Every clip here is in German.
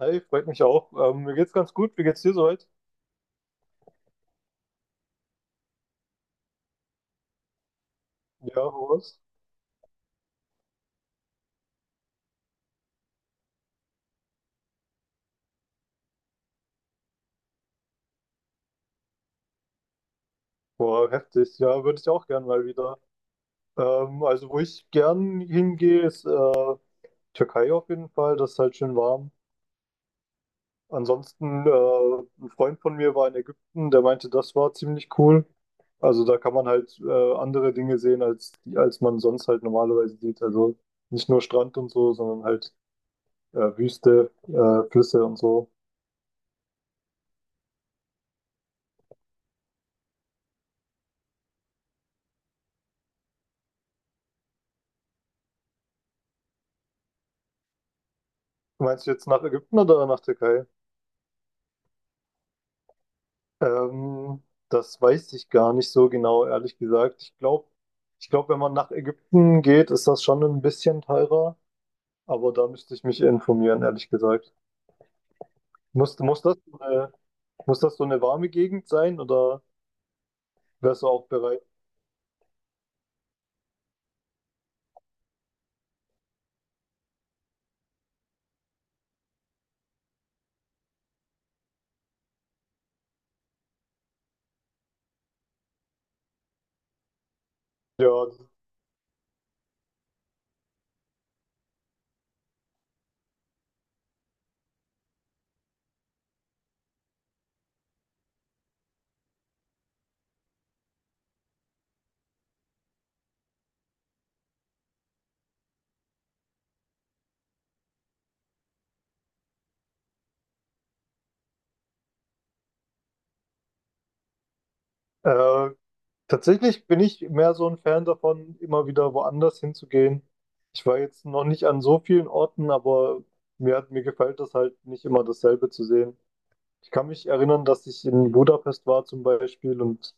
Hi, freut mich auch. Mir geht's ganz gut. Wie geht's dir soweit? Ja, was? Boah, heftig. Ja, würde ich auch gern mal wieder. Also, wo ich gern hingehe, ist Türkei auf jeden Fall. Das ist halt schön warm. Ansonsten, ein Freund von mir war in Ägypten, der meinte, das war ziemlich cool. Also, da kann man halt andere Dinge sehen, als, als man sonst halt normalerweise sieht. Also, nicht nur Strand und so, sondern halt Wüste, Flüsse und so. Meinst du jetzt nach Ägypten oder nach Türkei? Ähm, Das weiß ich gar nicht so genau, ehrlich gesagt. Ich glaube, wenn man nach Ägypten geht, ist das schon ein bisschen teurer, aber da müsste ich mich informieren, ehrlich gesagt. Muss das so eine, muss das so eine warme Gegend sein oder wärst du auch bereit? Ja, äh, tatsächlich bin ich mehr so ein Fan davon, immer wieder woanders hinzugehen. Ich war jetzt noch nicht an so vielen Orten, aber mir gefällt es halt nicht immer dasselbe zu sehen. Ich kann mich erinnern, dass ich in Budapest war zum Beispiel und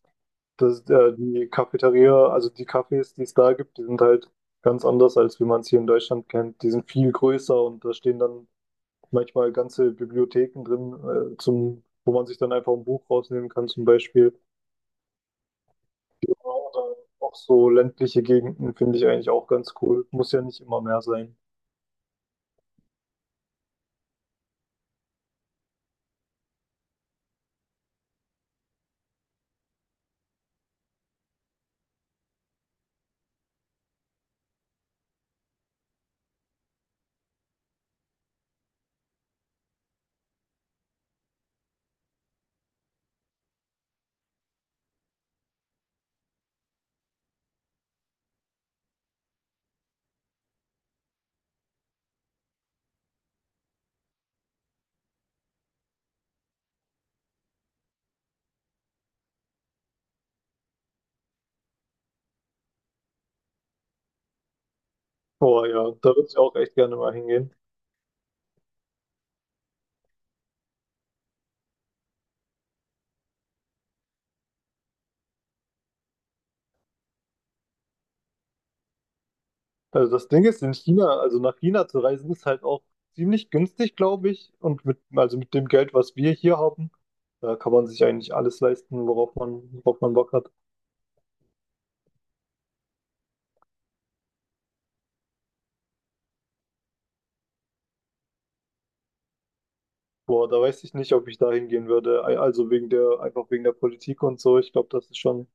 die Cafeteria, also die Cafés, die es da gibt, die sind halt ganz anders, als wie man es hier in Deutschland kennt. Die sind viel größer und da stehen dann manchmal ganze Bibliotheken drin, wo man sich dann einfach ein Buch rausnehmen kann zum Beispiel. Ja, oder auch so ländliche Gegenden finde ich eigentlich auch ganz cool. Muss ja nicht immer mehr sein. Oh ja, da würde ich auch echt gerne mal hingehen. Also das Ding ist, in China, also nach China zu reisen, ist halt auch ziemlich günstig, glaube ich. Und mit, also mit dem Geld, was wir hier haben, da kann man sich eigentlich alles leisten, worauf man Bock hat. Boah, da weiß ich nicht, ob ich da hingehen würde. Also wegen der, einfach wegen der Politik und so. Ich glaube, das ist schon,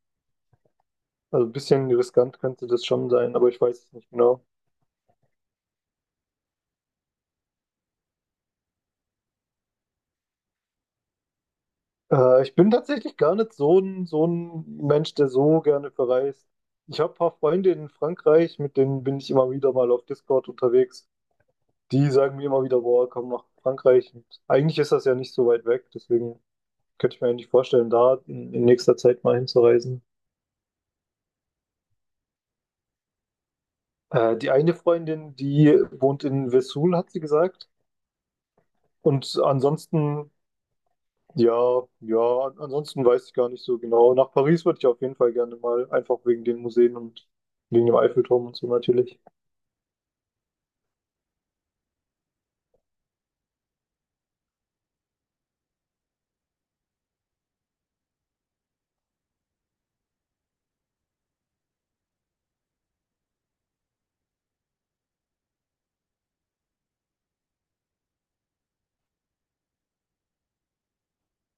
also ein bisschen riskant könnte das schon sein, aber ich weiß es nicht genau. Ich bin tatsächlich gar nicht so ein, so ein Mensch, der so gerne verreist. Ich habe ein paar Freunde in Frankreich, mit denen bin ich immer wieder mal auf Discord unterwegs. Die sagen mir immer wieder, boah, komm nach Frankreich. Und eigentlich ist das ja nicht so weit weg, deswegen könnte ich mir eigentlich vorstellen, da in nächster Zeit mal hinzureisen. Die eine Freundin, die wohnt in Vesoul, hat sie gesagt. Und ansonsten, ja, ja, ansonsten weiß ich gar nicht so genau. Nach Paris würde ich auf jeden Fall gerne mal, einfach wegen den Museen und wegen dem Eiffelturm und so natürlich.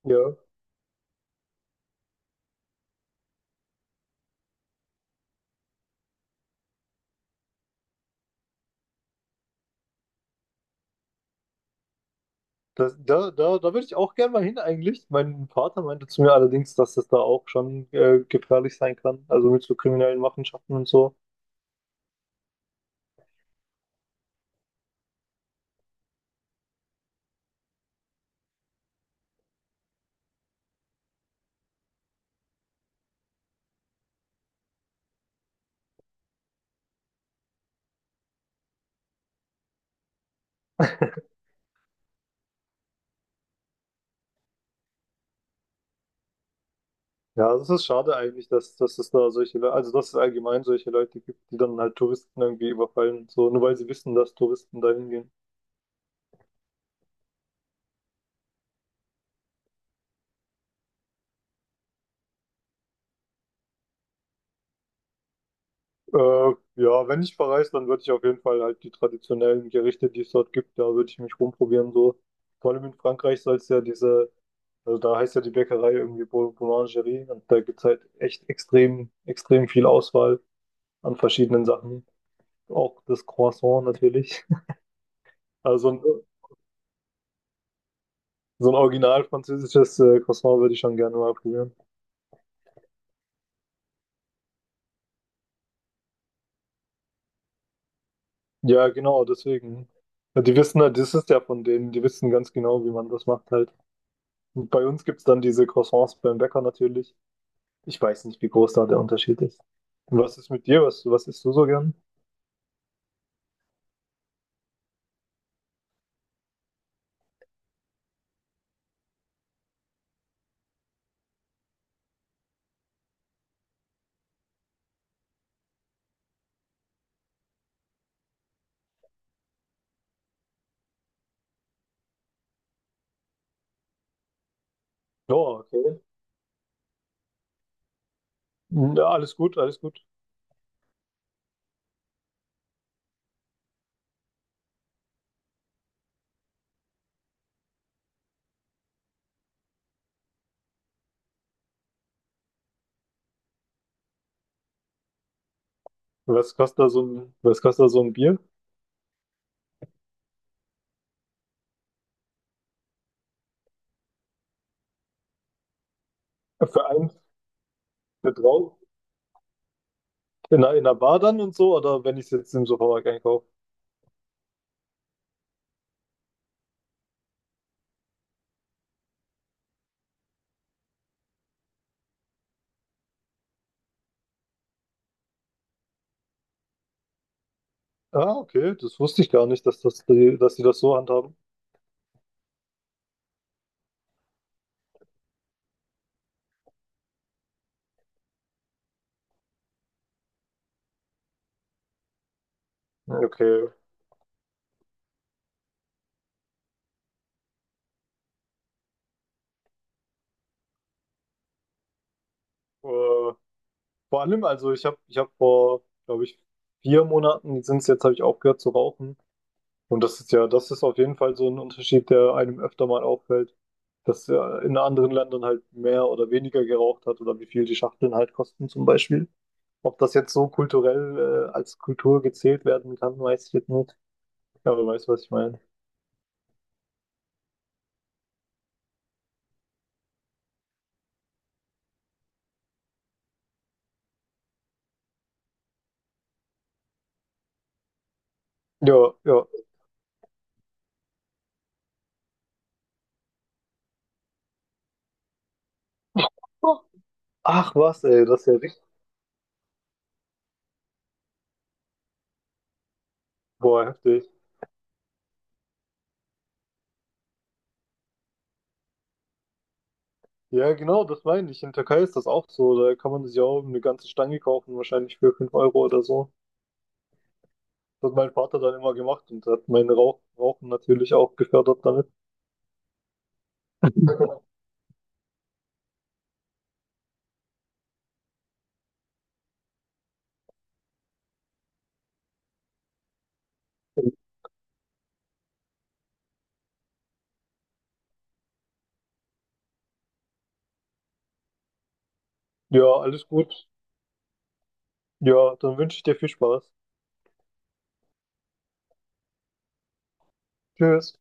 Ja. Das, da würde ich auch gerne mal hin eigentlich. Mein Vater meinte zu mir allerdings, dass das da auch schon gefährlich sein kann, also mit so kriminellen Machenschaften und so. Ja, das ist schade eigentlich, dass, dass es da solche Leute, also dass es allgemein solche Leute gibt, die dann halt Touristen irgendwie überfallen, und so, nur weil sie wissen, dass Touristen da hingehen. Äh, ja, wenn ich verreise, dann würde ich auf jeden Fall halt die traditionellen Gerichte, die es dort gibt, da würde ich mich rumprobieren, so. Vor allem in Frankreich soll es ja diese... Also da heißt ja die Bäckerei irgendwie Boulangerie und da gibt es halt echt extrem, extrem viel Auswahl an verschiedenen Sachen. Auch das Croissant natürlich. Also so ein original französisches Croissant würde ich schon gerne mal probieren. Ja, genau, deswegen. Ja, die wissen halt, das ist ja von denen, die wissen ganz genau, wie man das macht halt. Und bei uns gibt es dann diese Croissants beim Bäcker natürlich. Ich weiß nicht, wie groß da der Unterschied ist. Und was ist mit dir? Was isst du so gern? Ja, okay. Ja, alles gut, alles gut. Was kostet da so ein Bier? Für einen, für drau In einer, in einer Bar dann und so, oder wenn ich es jetzt im Supermarkt einkaufe? Ah, okay, das wusste ich gar nicht, dass die das so handhaben. Okay. Äh, Vor allem, ich hab vor, glaube ich, 4 Monaten sind es jetzt, habe ich aufgehört zu rauchen. Und das ist ja, das ist auf jeden Fall so ein Unterschied, der einem öfter mal auffällt, dass ja in anderen Ländern halt mehr oder weniger geraucht hat oder wie viel die Schachteln halt kosten zum Beispiel. Ob das jetzt so kulturell als Kultur gezählt werden kann, weiß ich jetzt nicht. Aber du weißt, was ich meine. Ja, ja. Oh, ach was, ey, das ist ja richtig. Boah, heftig. Ja, genau, das meine ich. In Türkei ist das auch so. Da kann man sich ja auch eine ganze Stange kaufen, wahrscheinlich für 5 € oder so. Das hat mein Vater dann immer gemacht und hat mein Rauchen natürlich auch gefördert damit. Ja, alles gut. Ja, dann wünsche ich dir viel Spaß. Tschüss.